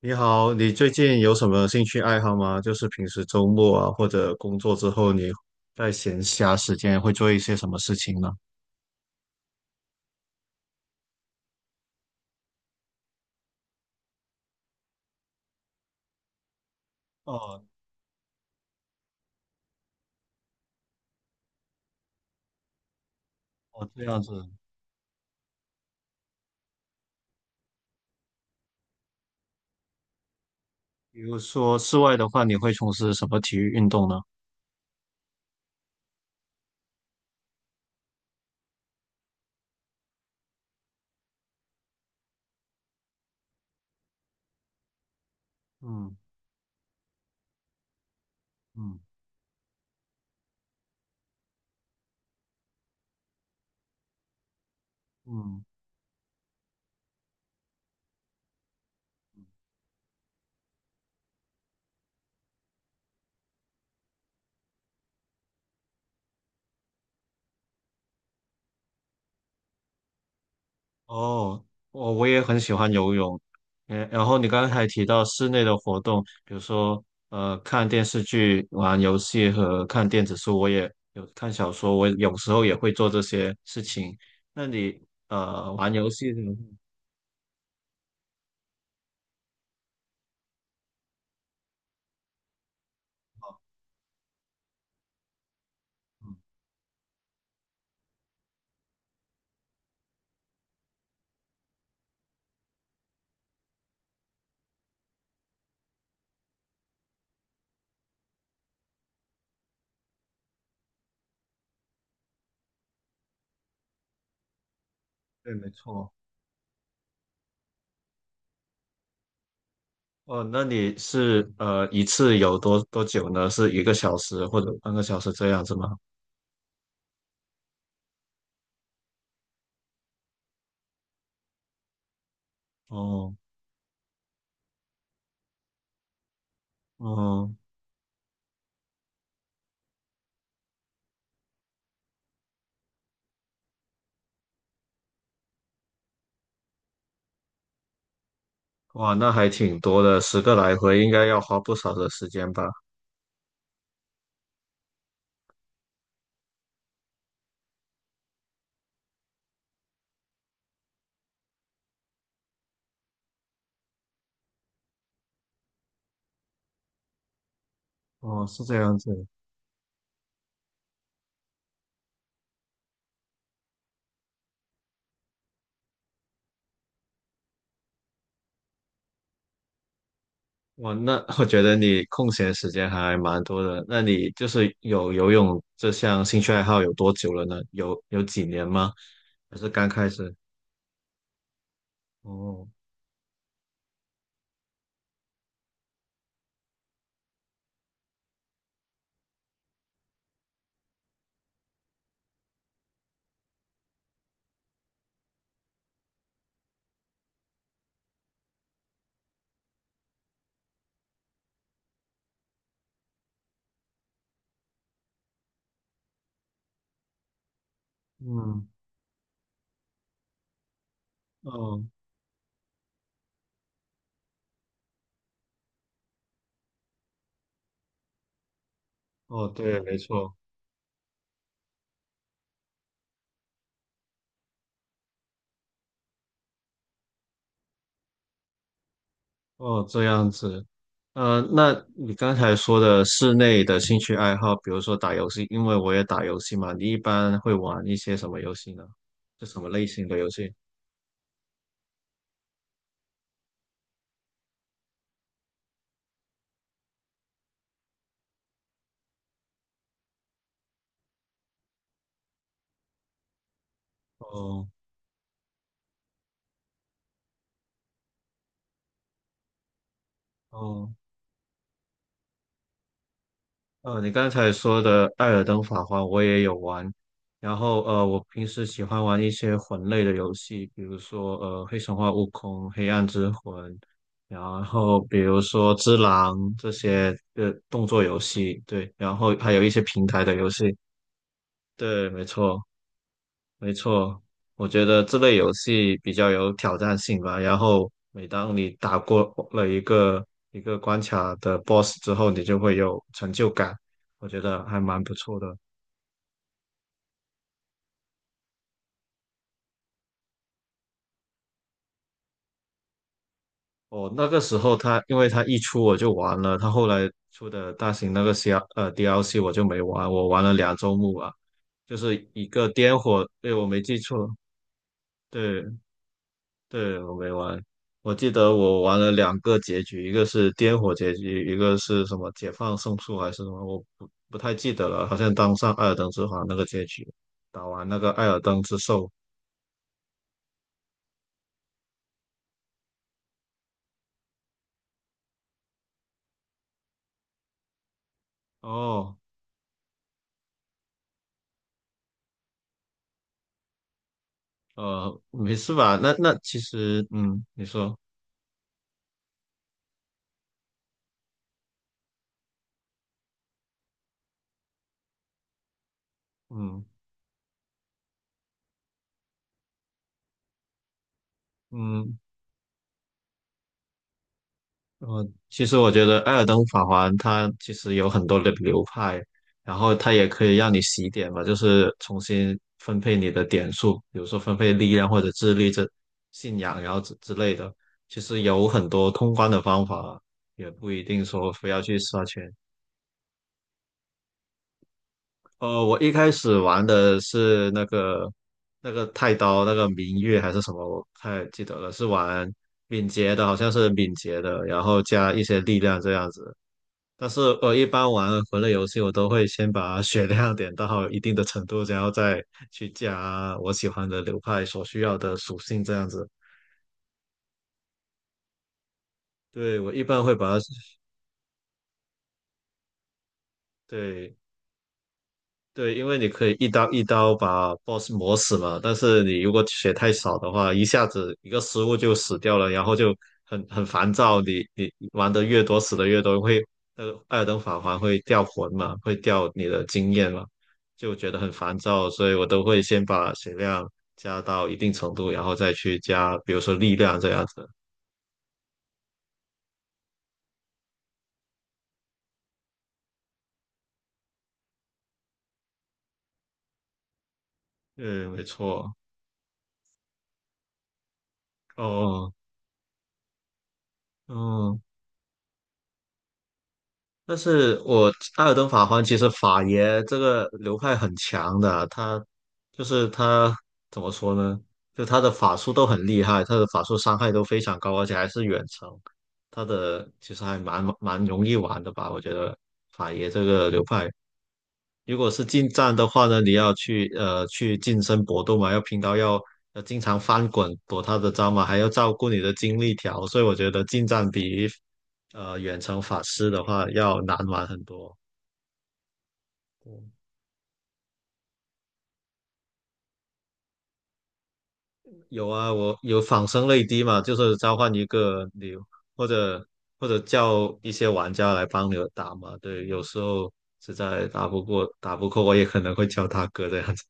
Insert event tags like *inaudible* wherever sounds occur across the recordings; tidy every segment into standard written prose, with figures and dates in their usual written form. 你好，你最近有什么兴趣爱好吗？就是平时周末啊，或者工作之后，你在闲暇时间会做一些什么事情呢？哦，哦，这样子。比如说室外的话，你会从事什么体育运动呢？嗯嗯嗯。哦，我也很喜欢游泳。嗯，然后你刚才提到室内的活动，比如说看电视剧、玩游戏和看电子书，我也有看小说，我有时候也会做这些事情。那你玩游戏的话，嗯，对，没错。哦，那你是一次有多久呢？是1个小时或者半个小时这样子吗？哦，哦，哇，那还挺多的，10个来回应该要花不少的时间吧？哦，是这样子。哇，那 *laughs* 我觉得你空闲时间还蛮多的。那你就是有游泳这项兴趣爱好有多久了呢？有几年吗？还是刚开始？哦，嗯，哦，哦，对，没错，哦，这样子。那你刚才说的室内的兴趣爱好，比如说打游戏，因为我也打游戏嘛，你一般会玩一些什么游戏呢？是什么类型的游戏？哦，哦。你刚才说的《艾尔登法环》我也有玩，然后我平时喜欢玩一些魂类的游戏，比如说《黑神话：悟空》《黑暗之魂》，然后比如说《只狼》这些动作游戏，对，然后还有一些平台的游戏，对，没错。没错，我觉得这类游戏比较有挑战性吧。然后每当你打过了一个一个关卡的 BOSS 之后，你就会有成就感，我觉得还蛮不错的。哦，那个时候它因为它一出我就玩了，它后来出的大型那个 DLC 我就没玩，我玩了2周目啊，就是一个颠火，对，我没记错，对，对，我没玩。我记得我玩了2个结局，一个是颠火结局，一个是什么解放圣树还是什么，我不太记得了。好像当上艾尔登之皇那个结局，打完那个艾尔登之兽。哦，没事吧？那其实，嗯，你说，嗯嗯，其实我觉得《艾尔登法环》它其实有很多的流派，然后它也可以让你洗点嘛，就是重新分配你的点数，比如说分配力量或者智力这信仰，然后之类的。其实有很多通关的方法，也不一定说非要去刷全。我一开始玩的是那个太刀，那个明月还是什么，我不太记得了，是玩敏捷的，好像是敏捷的，然后加一些力量这样子。但是我一般玩魂类游戏，我都会先把血量点到一定的程度，然后再去加我喜欢的流派所需要的属性，这样子。对，我一般会把它，对，对，因为你可以一刀一刀把 boss 磨死嘛，但是你如果血太少的话，一下子一个失误就死掉了，然后就很烦躁。你玩的越多，死的越多，会那个艾尔登法环会掉魂嘛，会掉你的经验嘛，就觉得很烦躁，所以我都会先把血量加到一定程度，然后再去加，比如说力量这样子。嗯，没错。哦，嗯，但是我艾尔登法环其实法爷这个流派很强的，他就是他怎么说呢？就他的法术都很厉害，他的法术伤害都非常高，而且还是远程。他的其实还蛮容易玩的吧？我觉得法爷这个流派。如果是近战的话呢，你要去去近身搏斗嘛，要拼刀，要经常翻滚躲他的招嘛，还要照顾你的精力条，所以我觉得近战比远程法师的话要难玩很多。嗯，有啊，我有仿生泪滴嘛，就是召唤一个你或者或者叫一些玩家来帮你打嘛。对，有时候实在打不过打不过，我也可能会叫大哥这样子。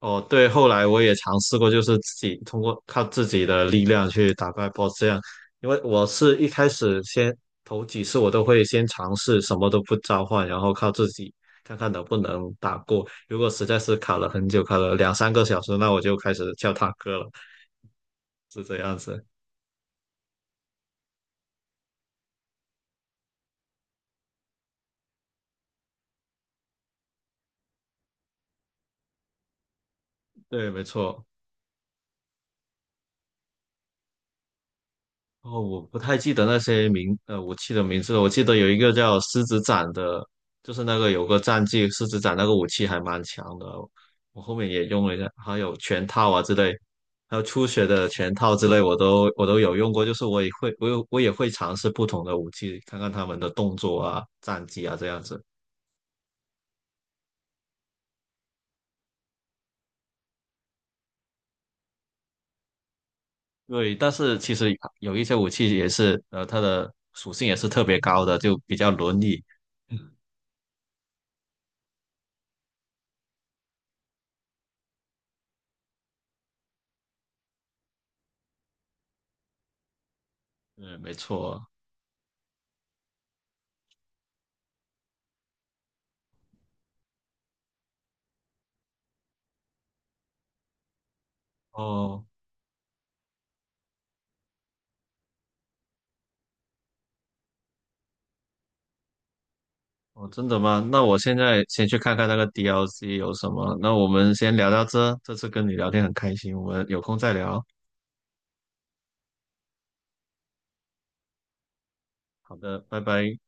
哦，对，后来我也尝试过，就是自己通过靠自己的力量去打怪 BOSS 这样，因为我是一开始先头几次我都会先尝试什么都不召唤，然后靠自己看看能不能打过。如果实在是卡了很久，卡了两三个小时，那我就开始叫大哥了，是这样子。对，没错。哦，我不太记得那些名，武器的名字了。我记得有一个叫狮子斩的，就是那个有个战绩，狮子斩那个武器还蛮强的。我后面也用了一下，还有拳套啊之类，还有初学的拳套之类，我都有用过。就是我也会，我也会尝试不同的武器，看看他们的动作啊、战绩啊这样子。对，但是其实有一些武器也是，它的属性也是特别高的，就比较轮椅。嗯，没错。哦，哦，真的吗？那我现在先去看看那个 DLC 有什么。那我们先聊到这，这次跟你聊天很开心，我们有空再聊。好的，拜拜。